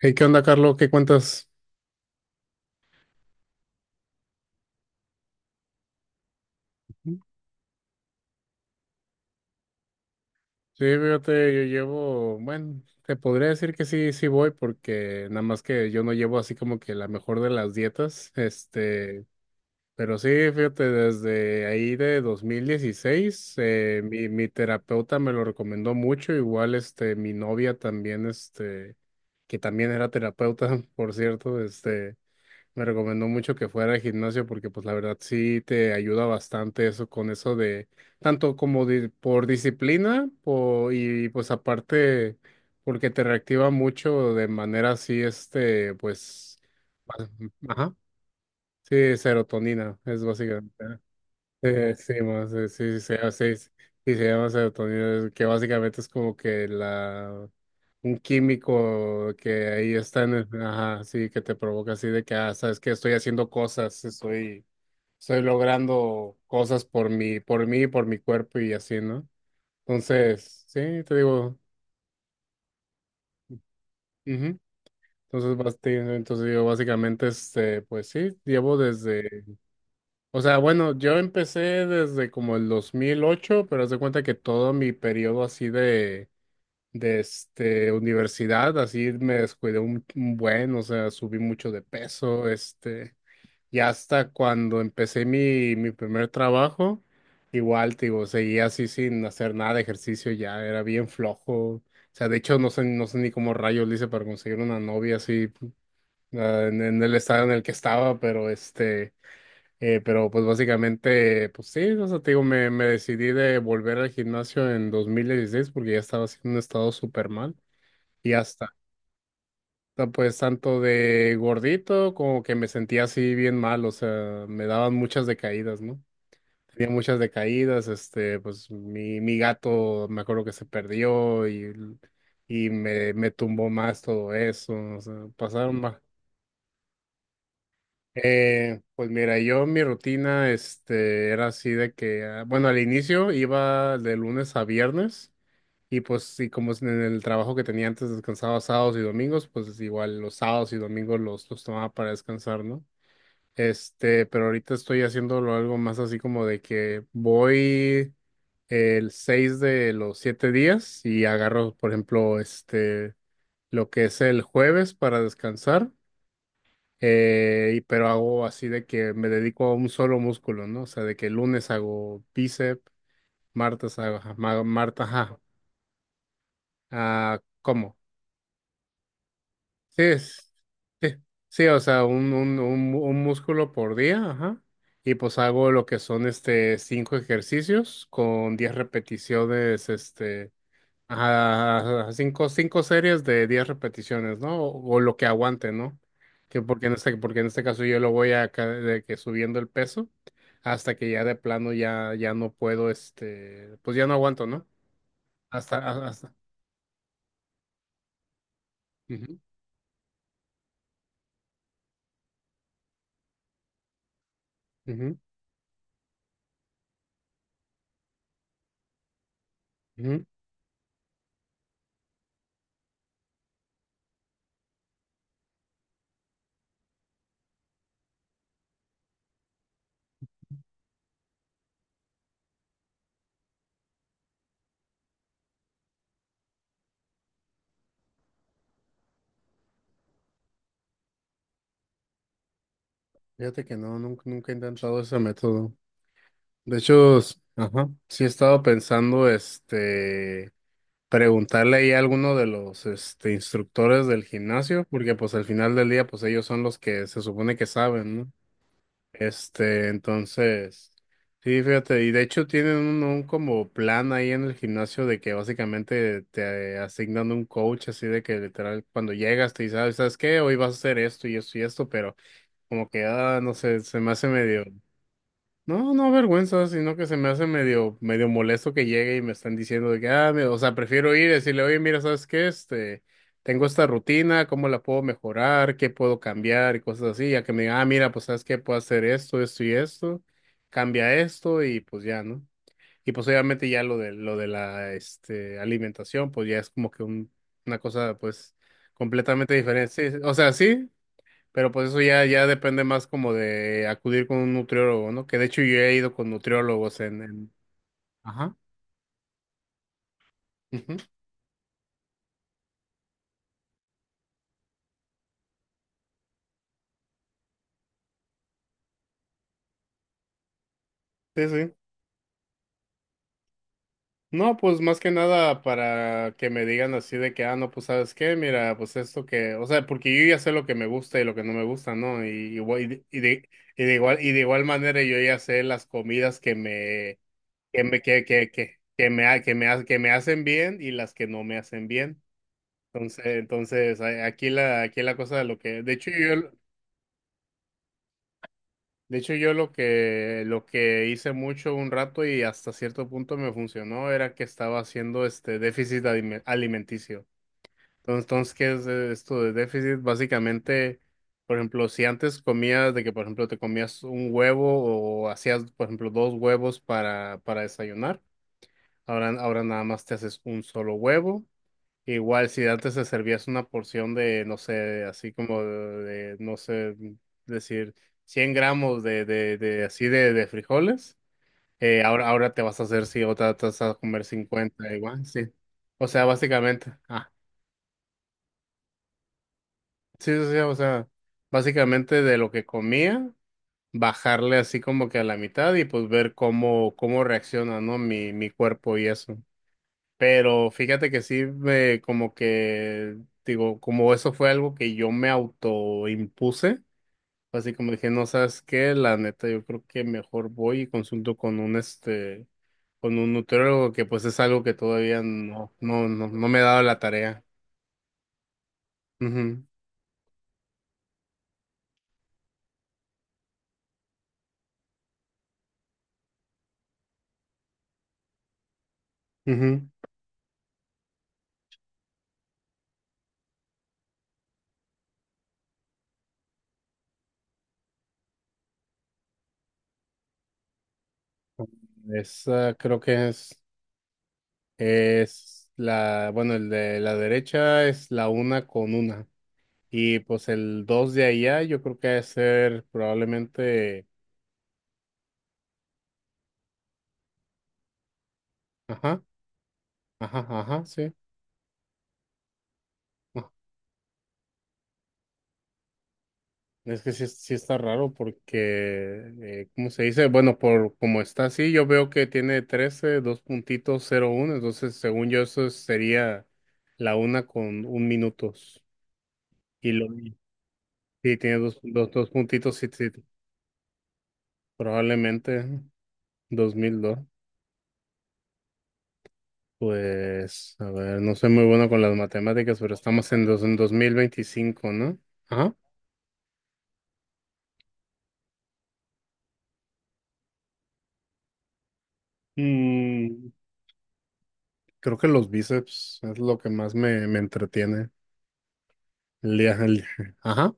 Hey, ¿qué onda, Carlos? ¿Qué cuentas? Sí, fíjate, yo llevo, bueno, te podría decir que sí, sí voy, porque nada más que yo no llevo así como que la mejor de las dietas, este, pero sí, fíjate, desde ahí de 2016, mi terapeuta me lo recomendó mucho, igual, este, mi novia también, este, que también era terapeuta, por cierto, este, me recomendó mucho que fuera al gimnasio porque pues la verdad sí te ayuda bastante eso con eso de tanto como por disciplina y pues aparte porque te reactiva mucho de manera así este pues ajá, sí, serotonina es básicamente ¿eh? Sí, sí, más, sí, sí, sí, sí, sí, se llama serotonina, que básicamente es como que la, un químico que ahí está en el, ajá, sí, que te provoca así de que sabes que estoy haciendo cosas, estoy logrando cosas por mí, por mi cuerpo y así, ¿no? Entonces, sí, te digo, ujú. Entonces, entonces digo básicamente, este, pues sí, llevo desde, o sea, bueno, yo empecé desde como el 2008, pero haz de cuenta que todo mi periodo así de, este, universidad, así me descuidé un buen, o sea, subí mucho de peso, este. Y hasta cuando empecé mi primer trabajo, igual, te digo, seguía así sin hacer nada de ejercicio, ya era bien flojo. O sea, de hecho, no sé, no sé ni cómo rayos le hice para conseguir una novia así, en el estado en el que estaba, pero este, pero pues básicamente, pues sí, o sea, te digo, me decidí de volver al gimnasio en 2016, porque ya estaba haciendo un estado súper mal. Y hasta sea, pues tanto de gordito, como que me sentía así bien mal, o sea, me daban muchas decaídas, ¿no? Tenía muchas decaídas, este, pues mi gato me acuerdo que se perdió y me tumbó más todo eso, o sea, pasaron más. Pues mira, yo mi rutina, este, era así de que, ah, bueno, al inicio iba de lunes a viernes. Y pues y como es en el trabajo que tenía antes, descansaba sábados y domingos, pues igual los sábados y domingos los tomaba para descansar, ¿no? Este, pero ahorita estoy haciéndolo algo más así como de que voy el 6 de los 7 días, y agarro, por ejemplo, este, lo que es el jueves para descansar, pero hago así de que me dedico a un solo músculo, ¿no? O sea, de que el lunes hago bíceps, martes hago, ajá, martes, ajá, ¿cómo? Sí, sí, sí, o sea, un músculo por día, ajá. Y pues hago lo que son este cinco ejercicios con 10 repeticiones, este, ajá, ajá, cinco series de 10 repeticiones, ¿no? O lo que aguante, ¿no? Que porque en este caso yo lo voy a de que subiendo el peso hasta que ya de plano ya, ya no puedo, este, pues ya no aguanto, ¿no? Hasta. Ujú, ujú, ujú. Fíjate que no, nunca, nunca he intentado ese método. De hecho, ajá. sí he estado pensando, este, preguntarle ahí a alguno de los, este, instructores del gimnasio, porque pues al final del día, pues ellos son los que se supone que saben, ¿no? Este, entonces, sí, fíjate, y de hecho tienen un como plan ahí en el gimnasio de que básicamente te asignan un coach, así de que literal cuando llegas te dice: "Ah, ¿sabes qué? Hoy vas a hacer esto y esto y esto", pero como que, no sé, se me hace medio. No, no vergüenza, sino que se me hace medio, medio molesto que llegue y me están diciendo de que, ah, o sea, prefiero ir y decirle: "Oye, mira, ¿sabes qué? Este, tengo esta rutina, ¿cómo la puedo mejorar? ¿Qué puedo cambiar?" Y cosas así, ya que me digan: "Ah, mira, pues, ¿sabes qué? Puedo hacer esto, esto y esto, cambia esto" y pues ya, ¿no? Y pues obviamente ya lo de la, este, alimentación, pues ya es como que una cosa, pues, completamente diferente. Sí, sí, o sea, sí, pero pues eso ya, ya depende más como de acudir con un nutriólogo, ¿no? Que de hecho yo he ido con nutriólogos en. Ajá. Ujú. Sí, sí. No, pues más que nada para que me digan así de que, ah, no, pues sabes qué, mira, pues esto que, o sea, porque yo ya sé lo que me gusta y lo que no me gusta, ¿no? Igual- y, de, y de- y de igual manera yo ya sé las comidas que me hacen bien y las que no me hacen bien. Entonces, aquí aquí la cosa de lo que, de hecho yo, de hecho, yo lo que hice mucho un rato, y hasta cierto punto me funcionó, era que estaba haciendo este déficit alimenticio. Entonces, ¿qué es esto de déficit? Básicamente, por ejemplo, si antes comías de que, por ejemplo, te comías un huevo o hacías, por ejemplo, dos huevos para desayunar, ahora, ahora nada más te haces un solo huevo. Igual si antes te servías una porción no sé, así como de, no sé, decir 100 gramos de así de frijoles, ahora, ahora te vas a hacer, sí, otra te vas a comer 50 igual, sí. O sea, básicamente, sí, sí, sí, o sea, básicamente de lo que comía, bajarle así como que a la mitad y pues ver cómo, cómo reacciona, ¿no? Mi cuerpo y eso. Pero fíjate que sí, como que, digo, como eso fue algo que yo me autoimpuse, así como dije: "No, sabes qué, la neta, yo creo que mejor voy y consulto con un nutriólogo", que pues es algo que todavía no me he dado la tarea. Ujú, ujú. Esa creo que es, la, bueno, el de la derecha es la una con una. Y pues el dos de allá yo creo que ha de ser probablemente. Ajá, ajá, ajá, sí. No, es que sí, sí está raro porque, ¿cómo se dice? Bueno, por como está así, yo veo que tiene 13, dos puntitos, cero uno, entonces según yo eso sería la una con un minutos. Y lo, sí, tiene dos puntitos, sí, sí, probablemente dos mil dos. Pues, a ver, no soy muy bueno con las matemáticas, pero estamos en 2025, ¿no? Ajá. Mm, Creo que los bíceps es lo que más me, me entretiene. El día, ajá.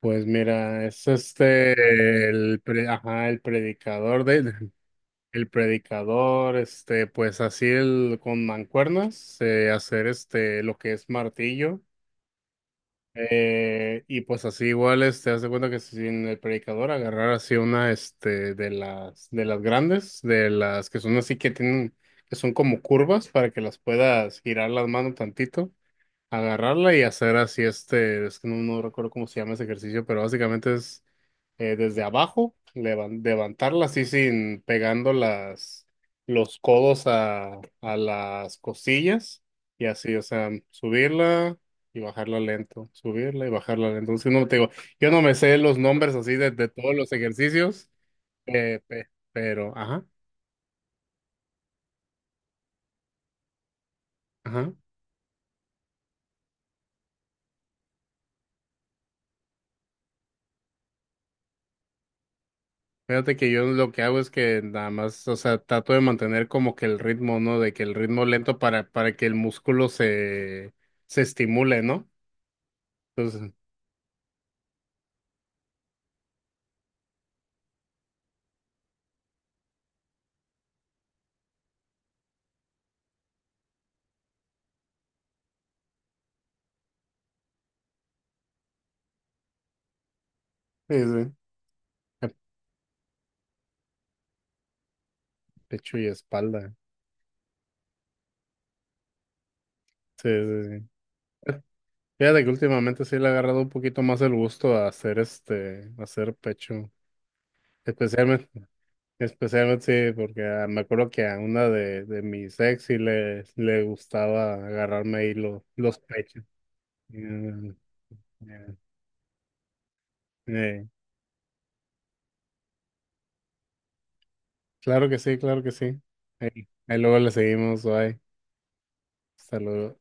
Pues mira, es este el ajá, el predicador de el predicador, este, pues así el con mancuernas, hacer este lo que es martillo. Y pues así igual este haz de cuenta que sin el predicador agarrar así una, este, de las grandes, de las que son así que tienen, que son como curvas para que las puedas girar las manos tantito. Agarrarla y hacer así, este, es que no, no recuerdo cómo se llama ese ejercicio, pero básicamente es, desde abajo, levantarla así, sin pegando los codos a las costillas y así, o sea, subirla y bajarla lento, subirla y bajarla lento. Entonces, no te digo, yo no me sé los nombres así de todos los ejercicios, pero, ajá, ajá. Fíjate que yo lo que hago es que nada más, o sea, trato de mantener como que el ritmo, ¿no? De que el ritmo lento para que el músculo se, se estimule, ¿no? Entonces, sí, sí. Pecho y espalda. Sí, sí, sí. Fíjate que últimamente sí le he agarrado un poquito más el gusto a hacer este, a hacer pecho. Especialmente, Especialmente sí, porque ah, me acuerdo que a una de mis ex sí le gustaba agarrarme ahí los pechos. Mm, mm, eh. Claro que sí, claro que sí. Ahí, ahí luego le seguimos, bye. Hasta luego.